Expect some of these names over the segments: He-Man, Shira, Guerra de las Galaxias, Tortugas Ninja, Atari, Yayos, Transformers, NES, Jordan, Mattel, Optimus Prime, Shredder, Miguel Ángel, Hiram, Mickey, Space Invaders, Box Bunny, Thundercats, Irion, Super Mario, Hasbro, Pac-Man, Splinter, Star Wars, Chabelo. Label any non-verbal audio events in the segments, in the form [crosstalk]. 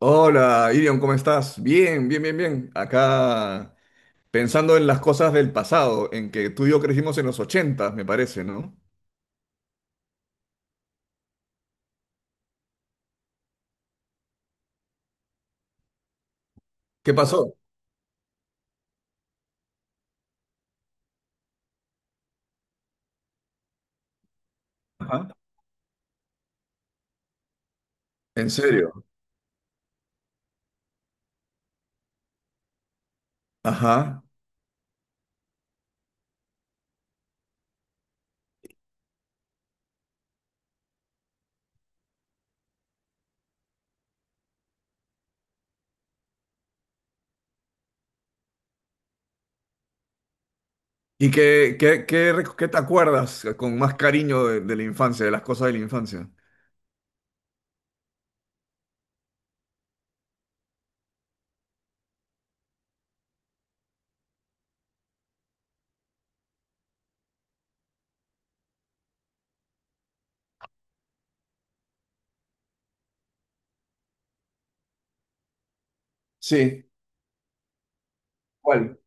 Hola, Irion, ¿cómo estás? Bien, bien, bien, bien. Acá pensando en las cosas del pasado, en que tú y yo crecimos en los 80, me parece, ¿no? ¿Qué pasó? Ajá. ¿En serio? Ajá. ¿Y qué, qué, qué, qué te acuerdas con más cariño de la infancia, de las cosas de la infancia? Sí. ¿Cuál?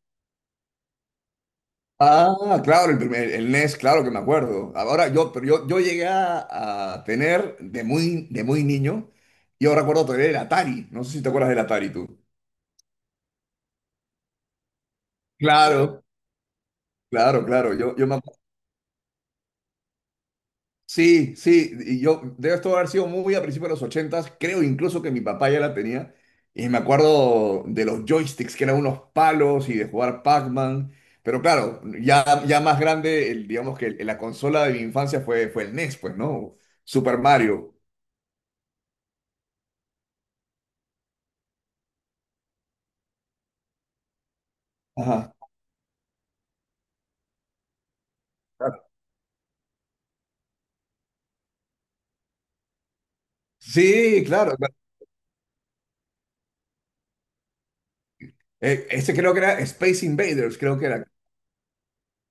Ah, claro, el primer, el NES, claro que me acuerdo. Ahora yo, pero yo llegué a tener de muy niño, yo recuerdo todavía el Atari. No sé si te acuerdas del Atari tú. Claro, claro, claro, yo, sí, sí, y yo, debe esto haber sido muy a principios de los ochentas, creo incluso que mi papá ya la tenía, y me acuerdo de los joysticks, que eran unos palos, y de jugar Pac-Man, pero claro, ya, ya más grande, digamos que la consola de mi infancia fue, fue el NES, pues, ¿no? Super Mario. Ajá. Sí, claro, claro. Ese creo que era Space Invaders, creo que era,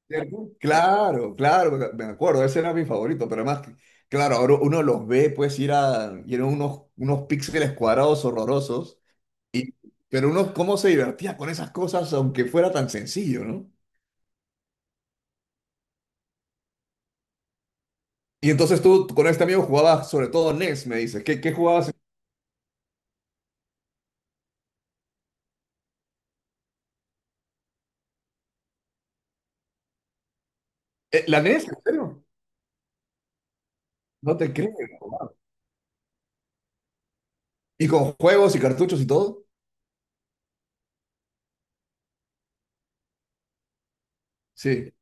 ¿cierto? Claro, claro, me acuerdo, ese era mi favorito, pero además, claro, ahora uno los ve, pues, ir a, y eran unos, unos píxeles cuadrados horrorosos, y, pero uno cómo se divertía con esas cosas, aunque fuera tan sencillo, ¿no? Y entonces tú con este amigo jugabas sobre todo NES, me dices, ¿qué, qué jugabas? ¿La NES? ¿En serio? No te creo. Wow. ¿Y con juegos y cartuchos y todo? Sí.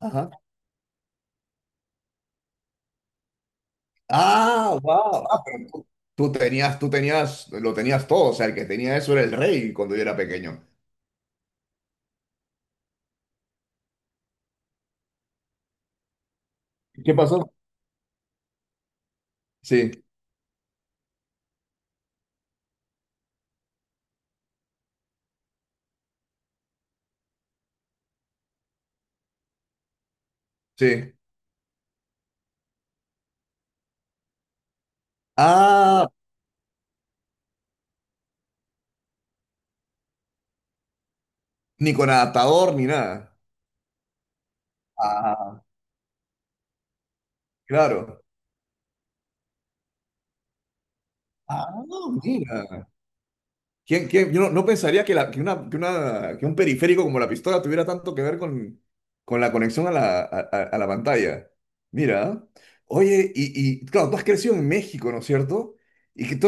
Ajá. Ah, wow. Ah, pero tú, tú tenías, lo tenías todo. O sea, el que tenía eso era el rey cuando yo era pequeño. ¿Qué pasó? Sí, sí. Ah, ni con adaptador ni nada. Ah, claro. Ah, mira. ¿Quién, yo no, no pensaría que, que una, que un periférico como la pistola tuviera tanto que ver con la conexión a la, a, a la pantalla. Mira. Oye, y claro, tú has crecido en México, ¿no es cierto? Y que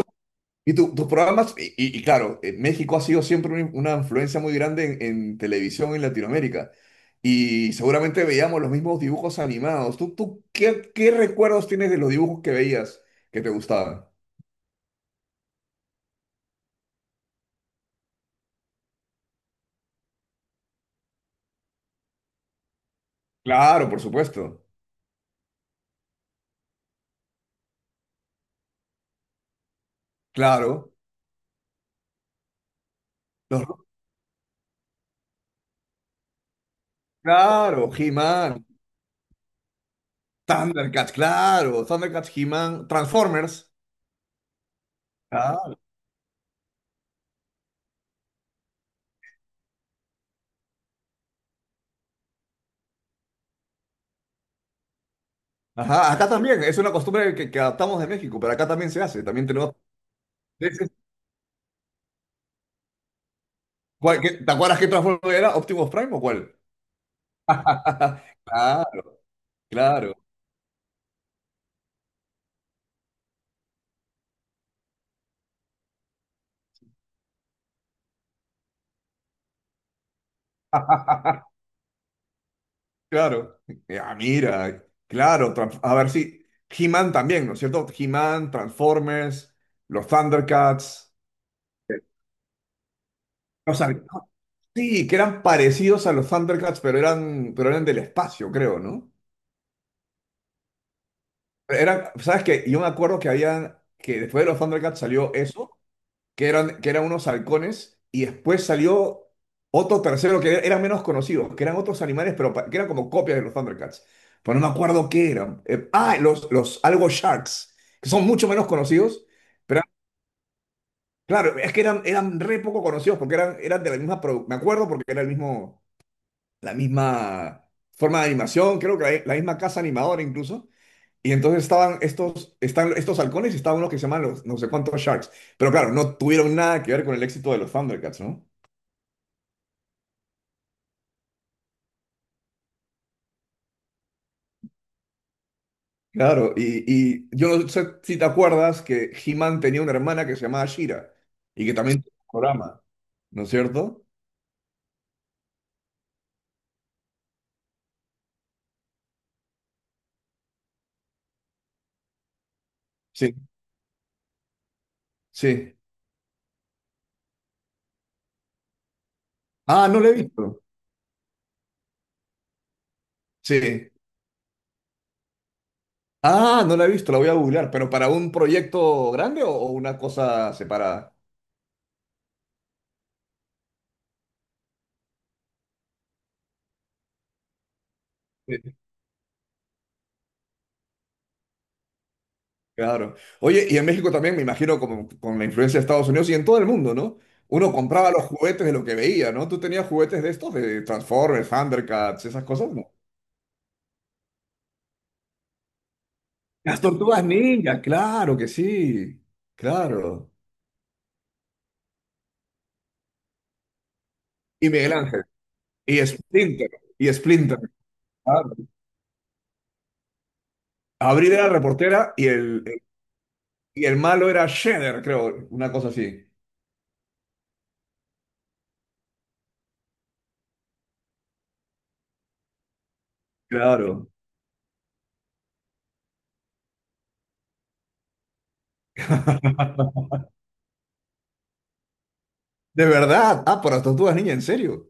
y tus programas, y, y claro, México ha sido siempre una influencia muy grande en televisión en Latinoamérica. Y seguramente veíamos los mismos dibujos animados. ¿Tú, tú qué, qué recuerdos tienes de los dibujos que veías que te gustaban? Claro, por supuesto. Claro. Los- claro, He-Man, Thundercats, claro. Thundercats, He-Man, Transformers. Claro. Ajá, acá también. Es una costumbre que adaptamos de México, pero acá también se hace. También tenemos... ¿Cuál- qué- ¿Te acuerdas qué Transformers era? ¿Optimus Prime o cuál? [laughs] Claro, claro, claro. Ah, mira, claro. A ver si. He-Man también, ¿no es cierto? He-Man, Transformers, los Thundercats. eh, O sea, sí, que eran parecidos a los Thundercats, pero eran del espacio, creo, ¿no? Eran, ¿sabes qué? Yo me acuerdo que habían, que después de los Thundercats salió eso, que eran unos halcones, y después salió otro tercero que eran menos conocidos, que eran otros animales, pero que eran como copias de los Thundercats. Pero no me acuerdo qué eran. Los Algo Sharks, que son mucho menos conocidos, pero claro, es que eran, eran re poco conocidos porque eran, eran de la misma, me acuerdo porque era el mismo, la misma forma de animación, creo que la misma casa animadora incluso. Y entonces estaban estos, están estos halcones y estaban unos que se llaman los no sé cuántos Sharks. Pero claro, no tuvieron nada que ver con el éxito de los Thundercats, ¿no? Claro, y yo no sé si te acuerdas que He-Man tenía una hermana que se llamaba Shira y que también tenía un programa, ¿no es cierto? Sí, sí. Ah, no la he visto. Sí. Ah, no la he visto, la voy a googlear, pero para un proyecto grande o una cosa separada. Claro. Oye, y en México también, me imagino, como con la influencia de Estados Unidos y en todo el mundo, ¿no? Uno compraba los juguetes de lo que veía, ¿no? ¿Tú tenías juguetes de estos, de Transformers, Thundercats, esas cosas, no? Las tortugas ninja, claro que sí, claro. Y Miguel Ángel, y Splinter, y Splinter, claro. Abril era reportera y el malo era Shredder, creo, una cosa así. Claro. [laughs] De verdad, ah, por las tortugas ninja, ¿en serio?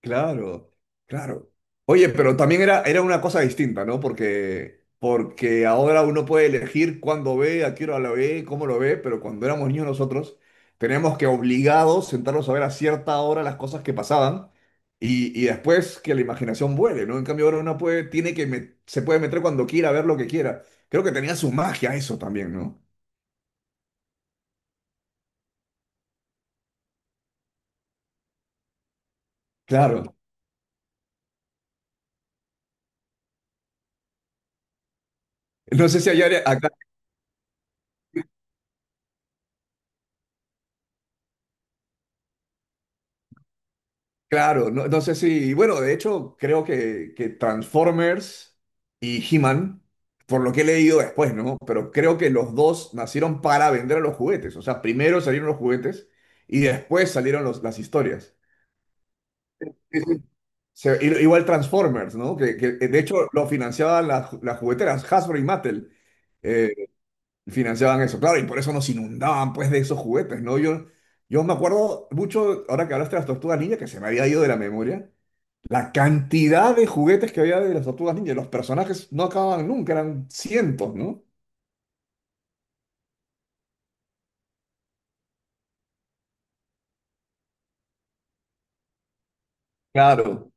Claro, claro. Oye, pero también era, era una cosa distinta, ¿no? Porque, porque ahora uno puede elegir cuándo ve, a qué hora lo ve, cómo lo ve, pero cuando éramos niños nosotros teníamos que obligados sentarnos a ver a cierta hora las cosas que pasaban y después que la imaginación vuele, ¿no? En cambio ahora uno puede, tiene que se puede meter cuando quiera, ver lo que quiera. Creo que tenía su magia eso también, ¿no? Claro. No sé si allá, claro, no, no sé si, bueno, de hecho creo que Transformers y He-Man, por lo que he leído después, ¿no? Pero creo que los dos nacieron para vender los juguetes, o sea, primero salieron los juguetes y después salieron las historias. Sí, sí. Igual Transformers, ¿no? Que, de hecho lo financiaban las, las jugueteras, Hasbro y Mattel, eh, financiaban eso, claro, y por eso nos inundaban pues de esos juguetes, ¿no? Yo me acuerdo mucho, ahora que hablaste de las Tortugas Ninja, que se me había ido de la memoria. La cantidad de juguetes que había de las tortugas ninja, los personajes no acababan nunca, eran cientos, ¿no? Claro,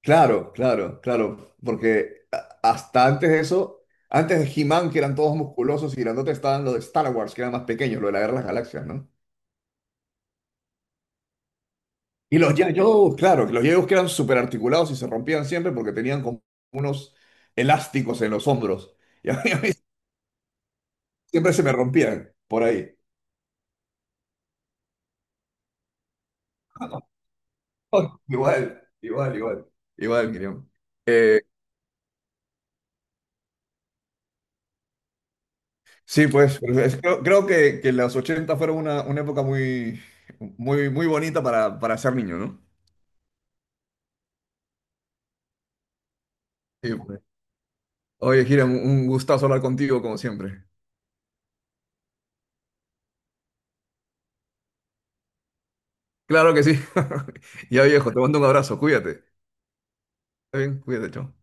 claro, claro, claro, porque hasta antes de eso, antes de He-Man, que eran todos musculosos y grandotes, estaban los de Star Wars, que eran más pequeños, lo de la Guerra de las Galaxias, ¿no? Y los Yayos, claro, que los Yayos que eran súper articulados y se rompían siempre porque tenían como unos elásticos en los hombros. [laughs] Y a mí siempre se me rompían por ahí. [laughs] Igual, igual, igual, igual, Miriam. Sí, pues, pero creo, creo que los 80 fueron una época muy, muy, muy bonita para ser niño, ¿no? Sí, pues. Oye, Hiram, un gustazo hablar contigo como siempre. Claro que sí. [laughs] Ya viejo, te mando un abrazo, cuídate. Está bien, cuídate, chao.